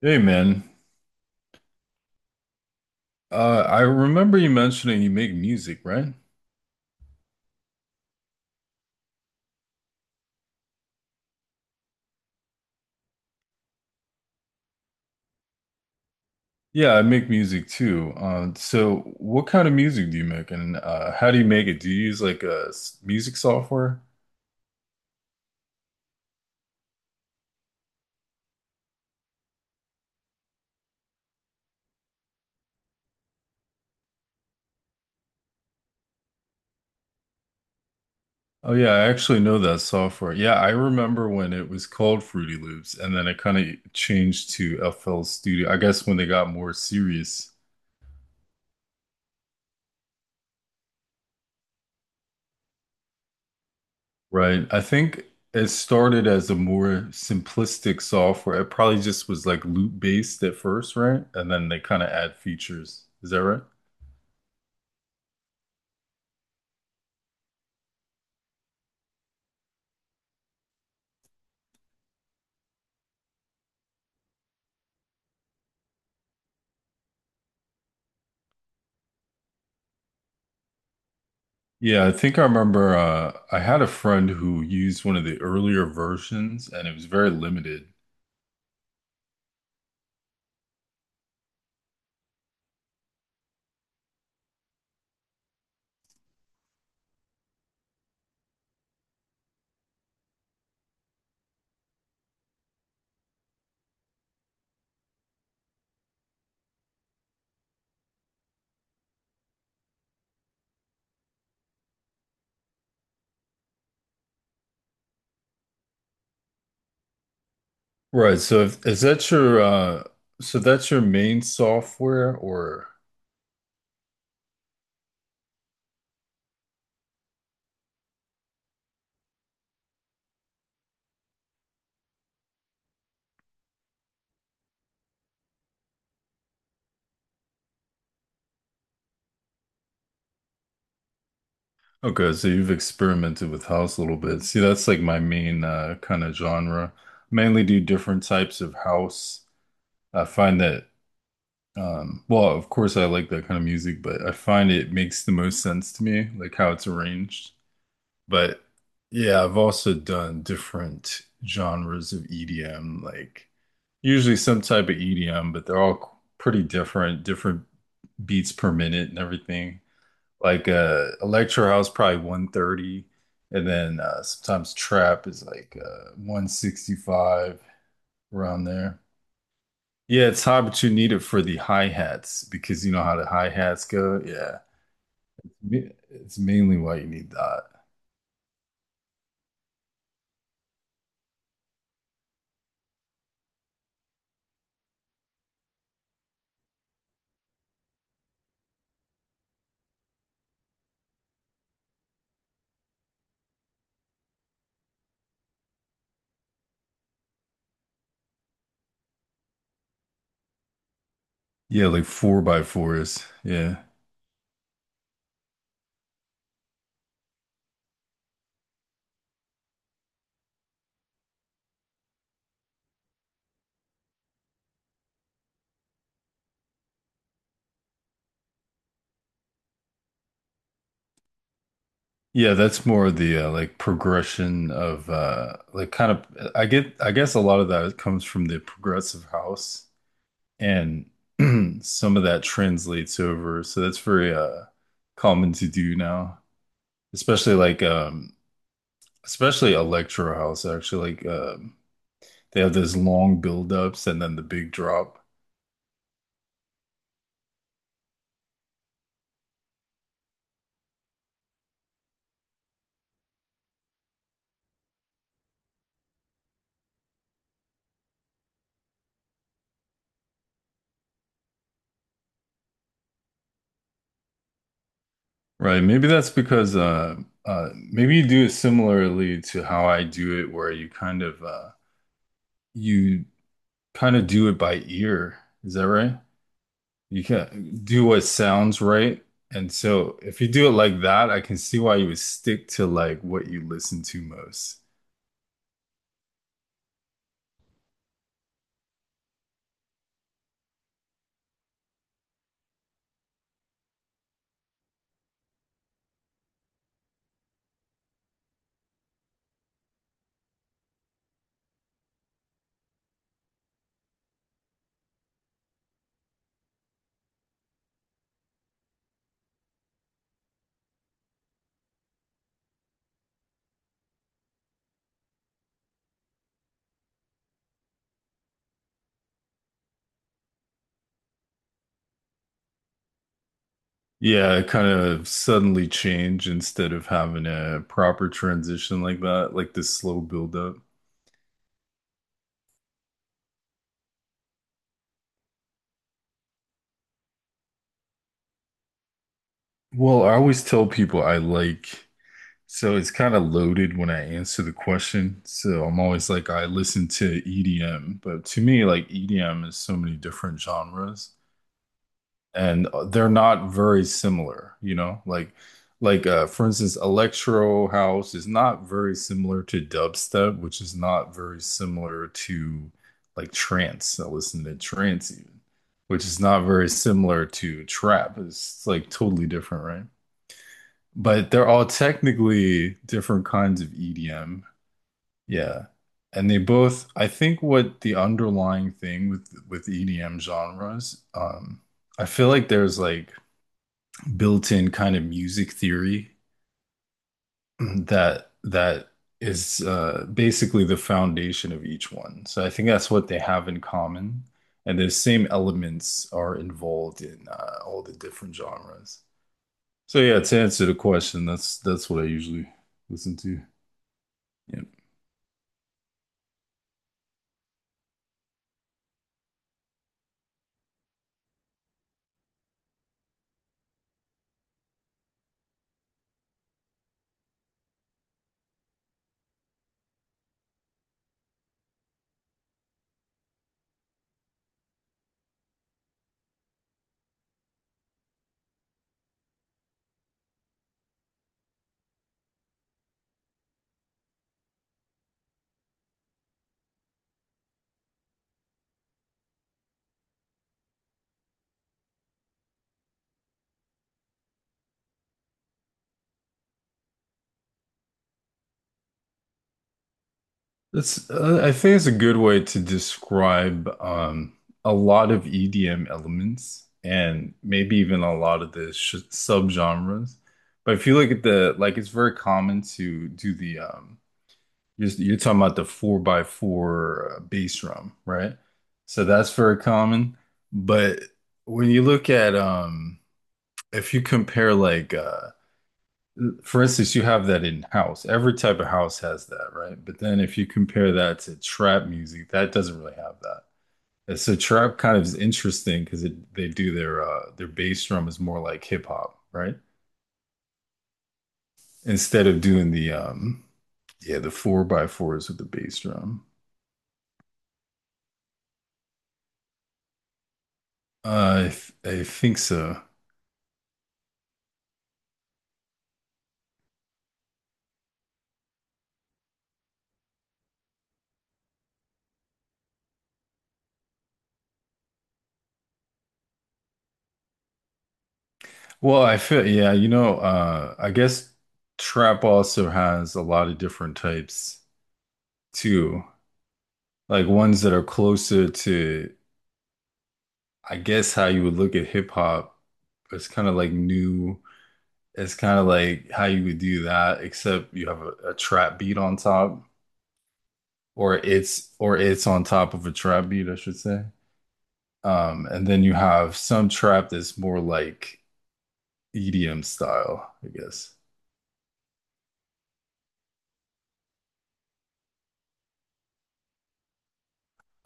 Hey man, I remember you mentioning you make music, right? Yeah, I make music too. So what kind of music do you make, and how do you make it? Do you use like a music software? Oh yeah, I actually know that software. Yeah, I remember when it was called Fruity Loops, and then it kind of changed to FL Studio. I guess when they got more serious. Right. I think it started as a more simplistic software. It probably just was like loop based at first, right? And then they kind of add features. Is that right? Yeah, I think I remember I had a friend who used one of the earlier versions and it was very limited. Right. So if, is that your so that's your main software or okay, so you've experimented with house a little bit. See, that's like my main kind of genre. Mainly do different types of house. I find that um, well, of course, I like that kind of music, but I find it makes the most sense to me, like how it's arranged. But yeah, I've also done different genres of EDM, like usually some type of EDM, but they're all pretty different, different beats per minute and everything. Like electro house, probably 130, and then sometimes trap is like 165 around there. Yeah, it's hard, but you need it for the hi-hats because you know how the hi-hats go. Yeah. It's mainly why you need that. Yeah, like four by fours. Yeah. Yeah, that's more of the like progression of like kind of. I guess a lot of that comes from the progressive house and some of that translates over. So that's very common to do now. Especially like especially electro house actually like um. They have this long buildups and then the big drop. Right. Maybe that's because maybe you do it similarly to how I do it where you kind of do it by ear. Is that right? You can do what sounds right. And so if you do it like that, I can see why you would stick to like what you listen to most. Yeah, kind of suddenly change instead of having a proper transition like that, like this slow buildup. Well, I always tell people I like so it's kind of loaded when I answer the question. So I'm always like, I listen to EDM, but to me, like EDM is so many different genres, and they're not very similar. You know, like for instance, electro house is not very similar to dubstep, which is not very similar to like trance. I listen to trance even, which is not very similar to trap. It's like totally different, right? But they're all technically different kinds of EDM. Yeah. And they both, I think what the underlying thing with EDM genres, I feel like there's like built-in kind of music theory that is basically the foundation of each one. So I think that's what they have in common. And the same elements are involved in all the different genres. So yeah, to answer the question, that's what I usually listen to. Yeah. That's I think it's a good way to describe a lot of EDM elements and maybe even a lot of the sh subgenres. But if you look at the like, it's very common to do the you're talking about the four by four bass drum, right? So that's very common. But when you look at if you compare like for instance, you have that in house. Every type of house has that, right? But then if you compare that to trap music, that doesn't really have that. And so trap kind of is interesting because it they do their bass drum is more like hip hop, right? Instead of doing the um, yeah, the four by fours with the bass drum. Uh, I th- I think so. Well, I feel yeah, you know, I guess trap also has a lot of different types too. Like ones that are closer to I guess how you would look at hip hop, it's kind of like new. It's kind of like how you would do that, except you have a trap beat on top, or it's on top of a trap beat, I should say. And then you have some trap that's more like EDM style, I guess.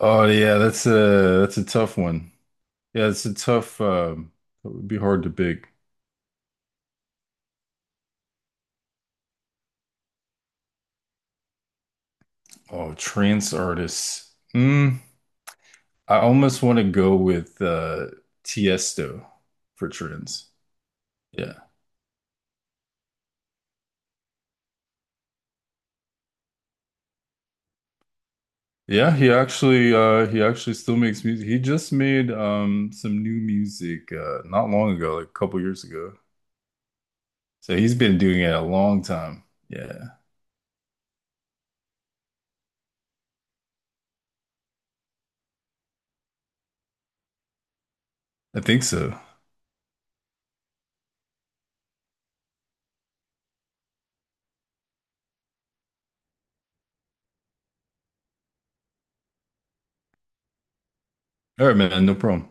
Oh yeah, that's a tough one. Yeah, it's a tough. It would be hard to pick. Oh, trance artists. Mm. I almost want to go with Tiesto for trends. Yeah. Yeah, he actually still makes music. He just made some new music not long ago, like a couple years ago. So he's been doing it a long time. Yeah. I think so. All right, man, no problem.